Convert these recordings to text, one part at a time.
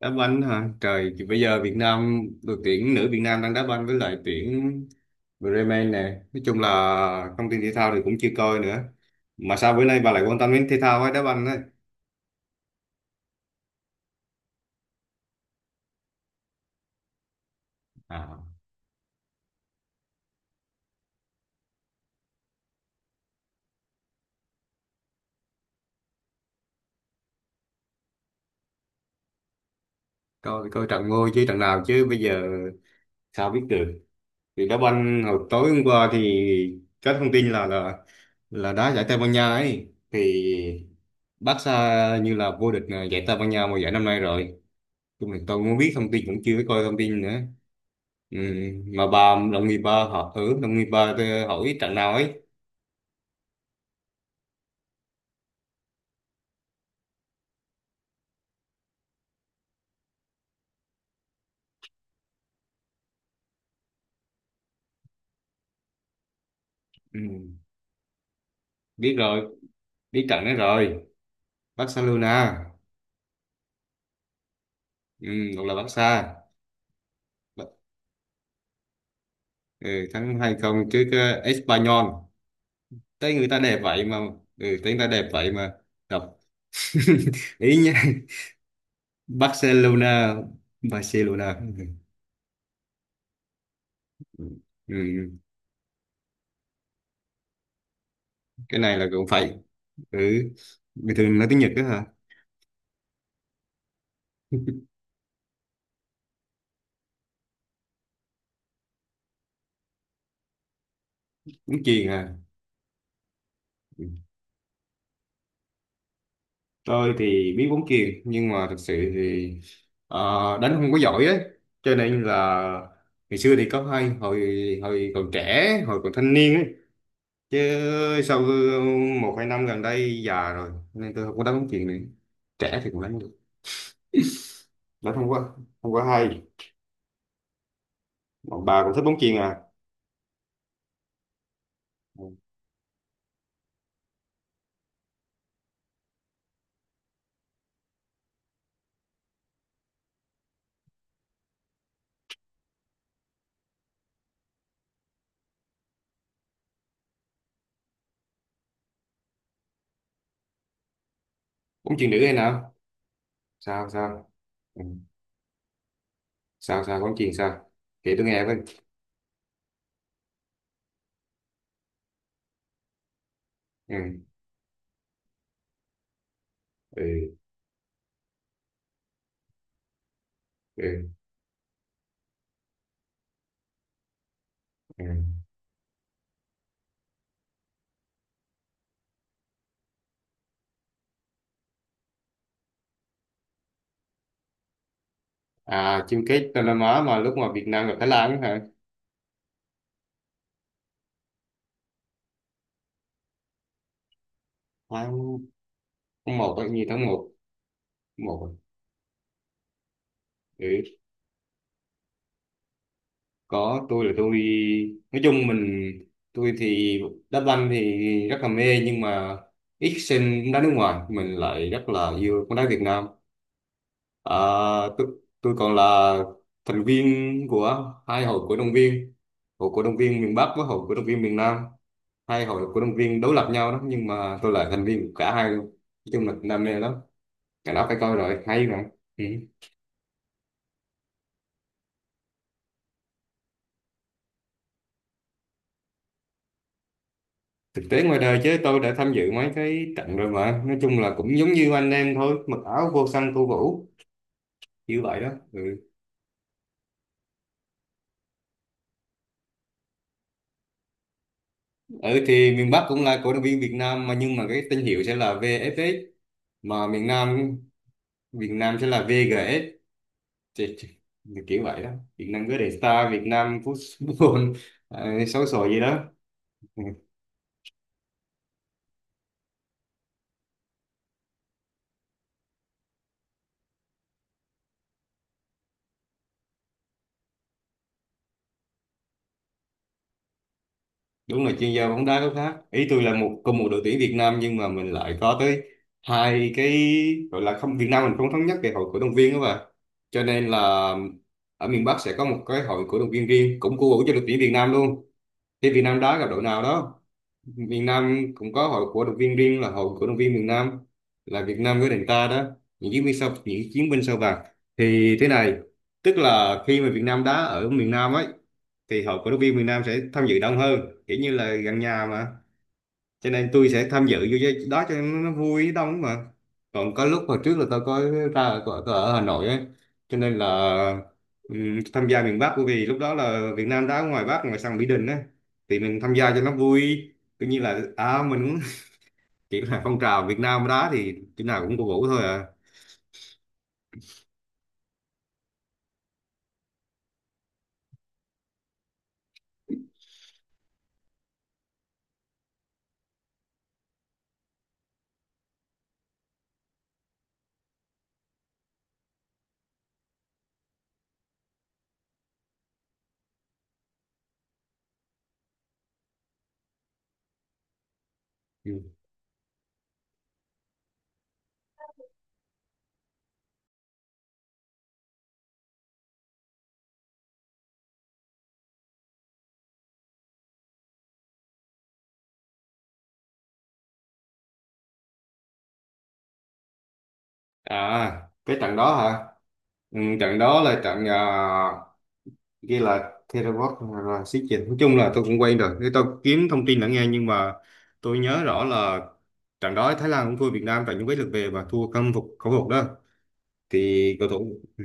Đá banh hả trời? Thì bây giờ Việt Nam, đội tuyển nữ Việt Nam đang đá banh với lại tuyển Bremen nè. Nói chung là thông tin thể thao thì cũng chưa coi nữa. Mà sao bữa nay bà lại quan tâm đến thể thao với đá banh đấy? À, coi coi trận ngôi chứ, trận nào chứ bây giờ sao biết được. Thì đá banh hồi tối hôm qua thì có thông tin là là đá giải Tây Ban Nha ấy, thì Barca như là vô địch giải Tây Ban Nha mùa giải năm nay rồi. Chung là tôi muốn biết thông tin cũng chưa có coi thông tin nữa. Ừ, mà bà đồng nghiệp, bà họ, đồng nghiệp bà thì hỏi trận nào ấy. Ừ, biết rồi, biết trận đấy rồi. Barcelona, ừ, hoặc là Barca. Ừ, thắng 2-0 trước Espanyol. Tới người ta đẹp vậy mà. Ừ, tới người ta đẹp vậy mà đọc ý nha. Barcelona. Barcelona, ừ. Ừ. Ừ. Cái này là cũng phải. Ừ, bình thường nói tiếng Nhật đó hả? Cũng chiền à? Ừ, tôi thì biết bóng chuyền, nhưng mà thực sự thì ờ, đánh không có giỏi ấy, cho nên là ngày xưa thì có hay, hồi hồi còn trẻ hồi còn thanh niên ấy, chứ sau một hai năm gần đây già rồi nên tôi không có đánh bóng chuyền nữa. Trẻ thì cũng đánh được, đánh không có, không có hay. Bọn bà cũng thích bóng chuyền à? Ừ. Bóng chuyền nữ hay nào? Sao sao? Ừ. Sao sao bóng chuyền sao? Kể tôi nghe với. Ừ. Ừ. Ừ. Ừ. À, chung kết Đông Nam Á mà lúc mà Việt Nam gặp Thái Lan ấy hả? Tháng, tháng một á, như tháng một. Một à? Ừ. Có, tôi là tôi, nói chung mình, tôi thì đá banh thì rất là mê, nhưng mà ít xem bóng đá nước ngoài, mình lại rất là yêu bóng đá Việt Nam. À, tôi, tôi còn là thành viên của hai hội cổ động viên, hội cổ động viên miền Bắc với hội cổ động viên miền Nam. Hai hội cổ động viên đối lập nhau đó, nhưng mà tôi là thành viên của cả hai luôn. Nói chung là đam mê lắm, cả đó phải coi rồi, hay mà. Ừ. Thực tế ngoài đời chứ, tôi đã tham dự mấy cái trận rồi, mà nói chung là cũng giống như anh em thôi, mặc áo vô xanh tô vũ như vậy đó. Ừ. Ừ, thì miền Bắc cũng là cổ động viên Việt Nam mà, nhưng mà cái tên hiệu sẽ là VFS, mà miền Nam Việt Nam sẽ là VGS, thì, thì, kiểu vậy đó. Việt Nam cứ để Star Việt Nam Football à, xấu xổ gì đó. Ừ. Đúng là chuyên gia bóng đá gốc khác ý. Tôi là một, cùng một đội tuyển Việt Nam nhưng mà mình lại có tới hai cái, gọi là không, Việt Nam mình không thống nhất về hội cổ động viên đó mà, cho nên là ở miền Bắc sẽ có một cái hội cổ động viên riêng, cũng cổ vũ cho đội tuyển Việt Nam luôn. Thì Việt Nam đá gặp đội nào đó, miền Nam cũng có hội cổ động viên riêng, là hội cổ động viên miền Nam, là Việt Nam với đảng ta đó. Những chiến binh sao, những chiến binh sao vàng, thì thế này. Tức là khi mà Việt Nam đá ở miền Nam ấy, thì hội cổ động viên miền Nam sẽ tham dự đông hơn, kiểu như là gần nhà mà, cho nên tôi sẽ tham dự vô cái đó cho nó vui đông mà. Còn có lúc hồi trước là tôi có ra, có ở Hà Nội ấy, cho nên là tham gia miền Bắc, bởi vì lúc đó là Việt Nam đá ngoài Bắc, ngoài sân Mỹ Đình ấy, thì mình tham gia cho nó vui. Cứ như là à, mình cũng kiểu là phong trào, Việt Nam đá thì chỗ nào cũng cổ vũ thôi à. Ừ. À, cái trận đó hả? Ừ, trận đó là trận ghi là Terabot là xí dịch, nói chung là tôi cũng quen rồi. Thế tôi kiếm thông tin đã nghe, nhưng mà tôi nhớ rõ là trận đó Thái Lan cũng thua Việt Nam tại những cái lượt về, và thua khâm phục khẩu phục đó, thì cầu thủ, ừ.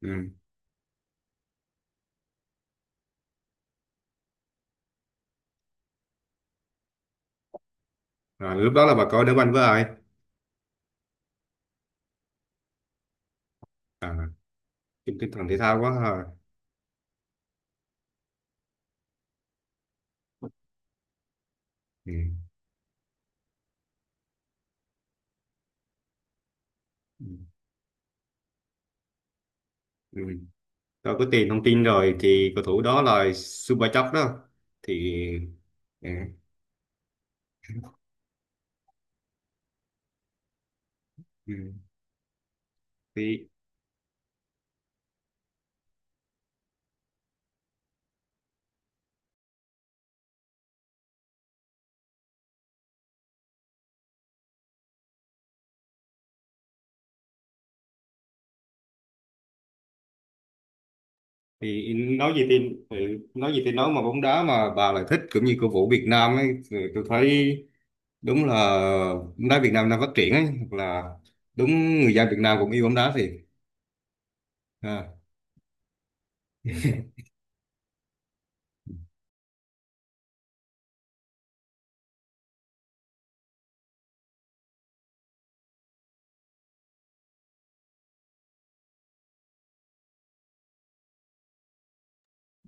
Ừ. Rồi, lúc đó là bà coi đá banh với ai? Chung tinh thần thể thao quá ha. Ừ. Ừ. Ừ. Tôi có tìm thông tin rồi, thì cầu thủ đó là Subachok đó, thì ừ. Ừ. Thì thì nói gì thì ừ, nói gì thì nói, mà bóng đá mà bà lại thích cũng như cổ vũ Việt Nam ấy, thì tôi thấy đúng là bóng đá Việt Nam đang phát triển ấy, hoặc là đúng, người dân Việt Nam cũng yêu bóng đá thì, à.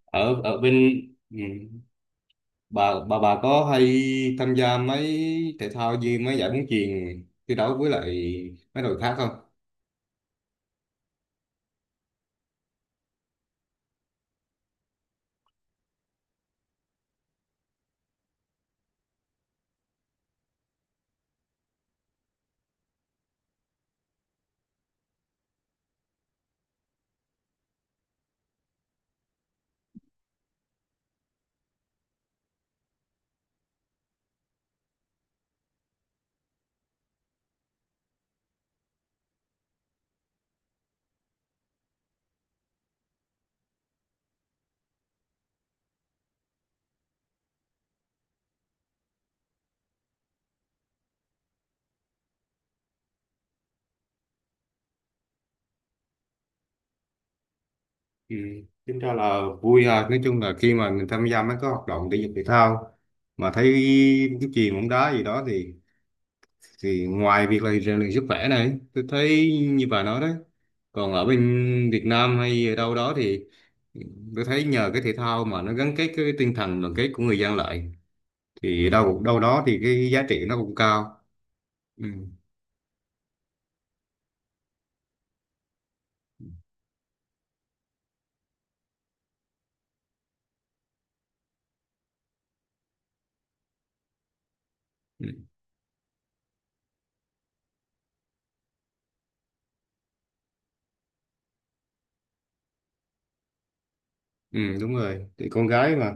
Ở ở bên, ừ, bà có hay tham gia mấy thể thao như mấy giải bóng chuyền thi đấu với lại mấy đội khác không? Ừ. Tính ra là vui à. Nói chung là khi mà mình tham gia mấy cái hoạt động thể dục thể thao mà thấy bóng chuyền, bóng đá gì đó thì ngoài việc là rèn luyện sức khỏe này, tôi thấy như bà nói đấy, còn ở bên Việt Nam hay ở đâu đó thì tôi thấy nhờ cái thể thao mà nó gắn kết cái tinh thần đoàn kết của người dân lại, thì đâu đâu đó thì cái giá trị nó cũng cao. Ừ. Ừ. Ừ, đúng rồi, thì con gái mà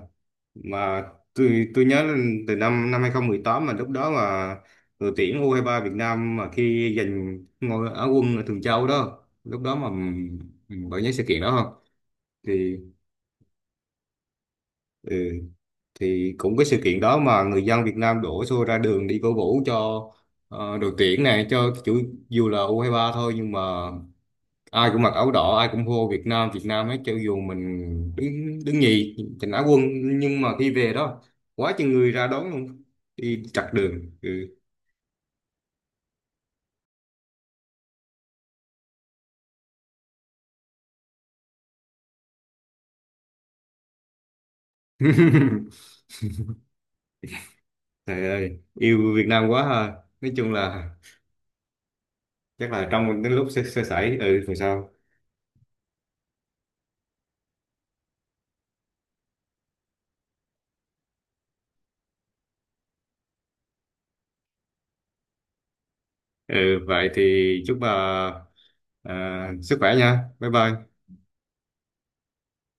mà tôi nhớ là từ năm năm 2018, mà lúc đó mà đội tuyển U23 Việt Nam mà khi giành ngôi Á quân ở Thường Châu đó, lúc đó mà, ừ, bạn nhớ sự kiện đó không? Thì ừ, thì cũng cái sự kiện đó mà người dân Việt Nam đổ xô ra đường đi cổ vũ cho đội tuyển này cho chủ, dù là U23 thôi, nhưng mà ai cũng mặc áo đỏ, ai cũng hô Việt Nam Việt Nam ấy, cho dù mình đứng đứng nhì giành Á quân, nhưng mà khi về đó quá chừng người ra đón luôn, đi chặt đường, ừ. Trời ơi, yêu Việt Nam quá ha. Nói chung là chắc là trong cái lúc sơ sẩy ừ rồi sao. Ừ, vậy thì chúc bà à, sức khỏe nha, bye bye.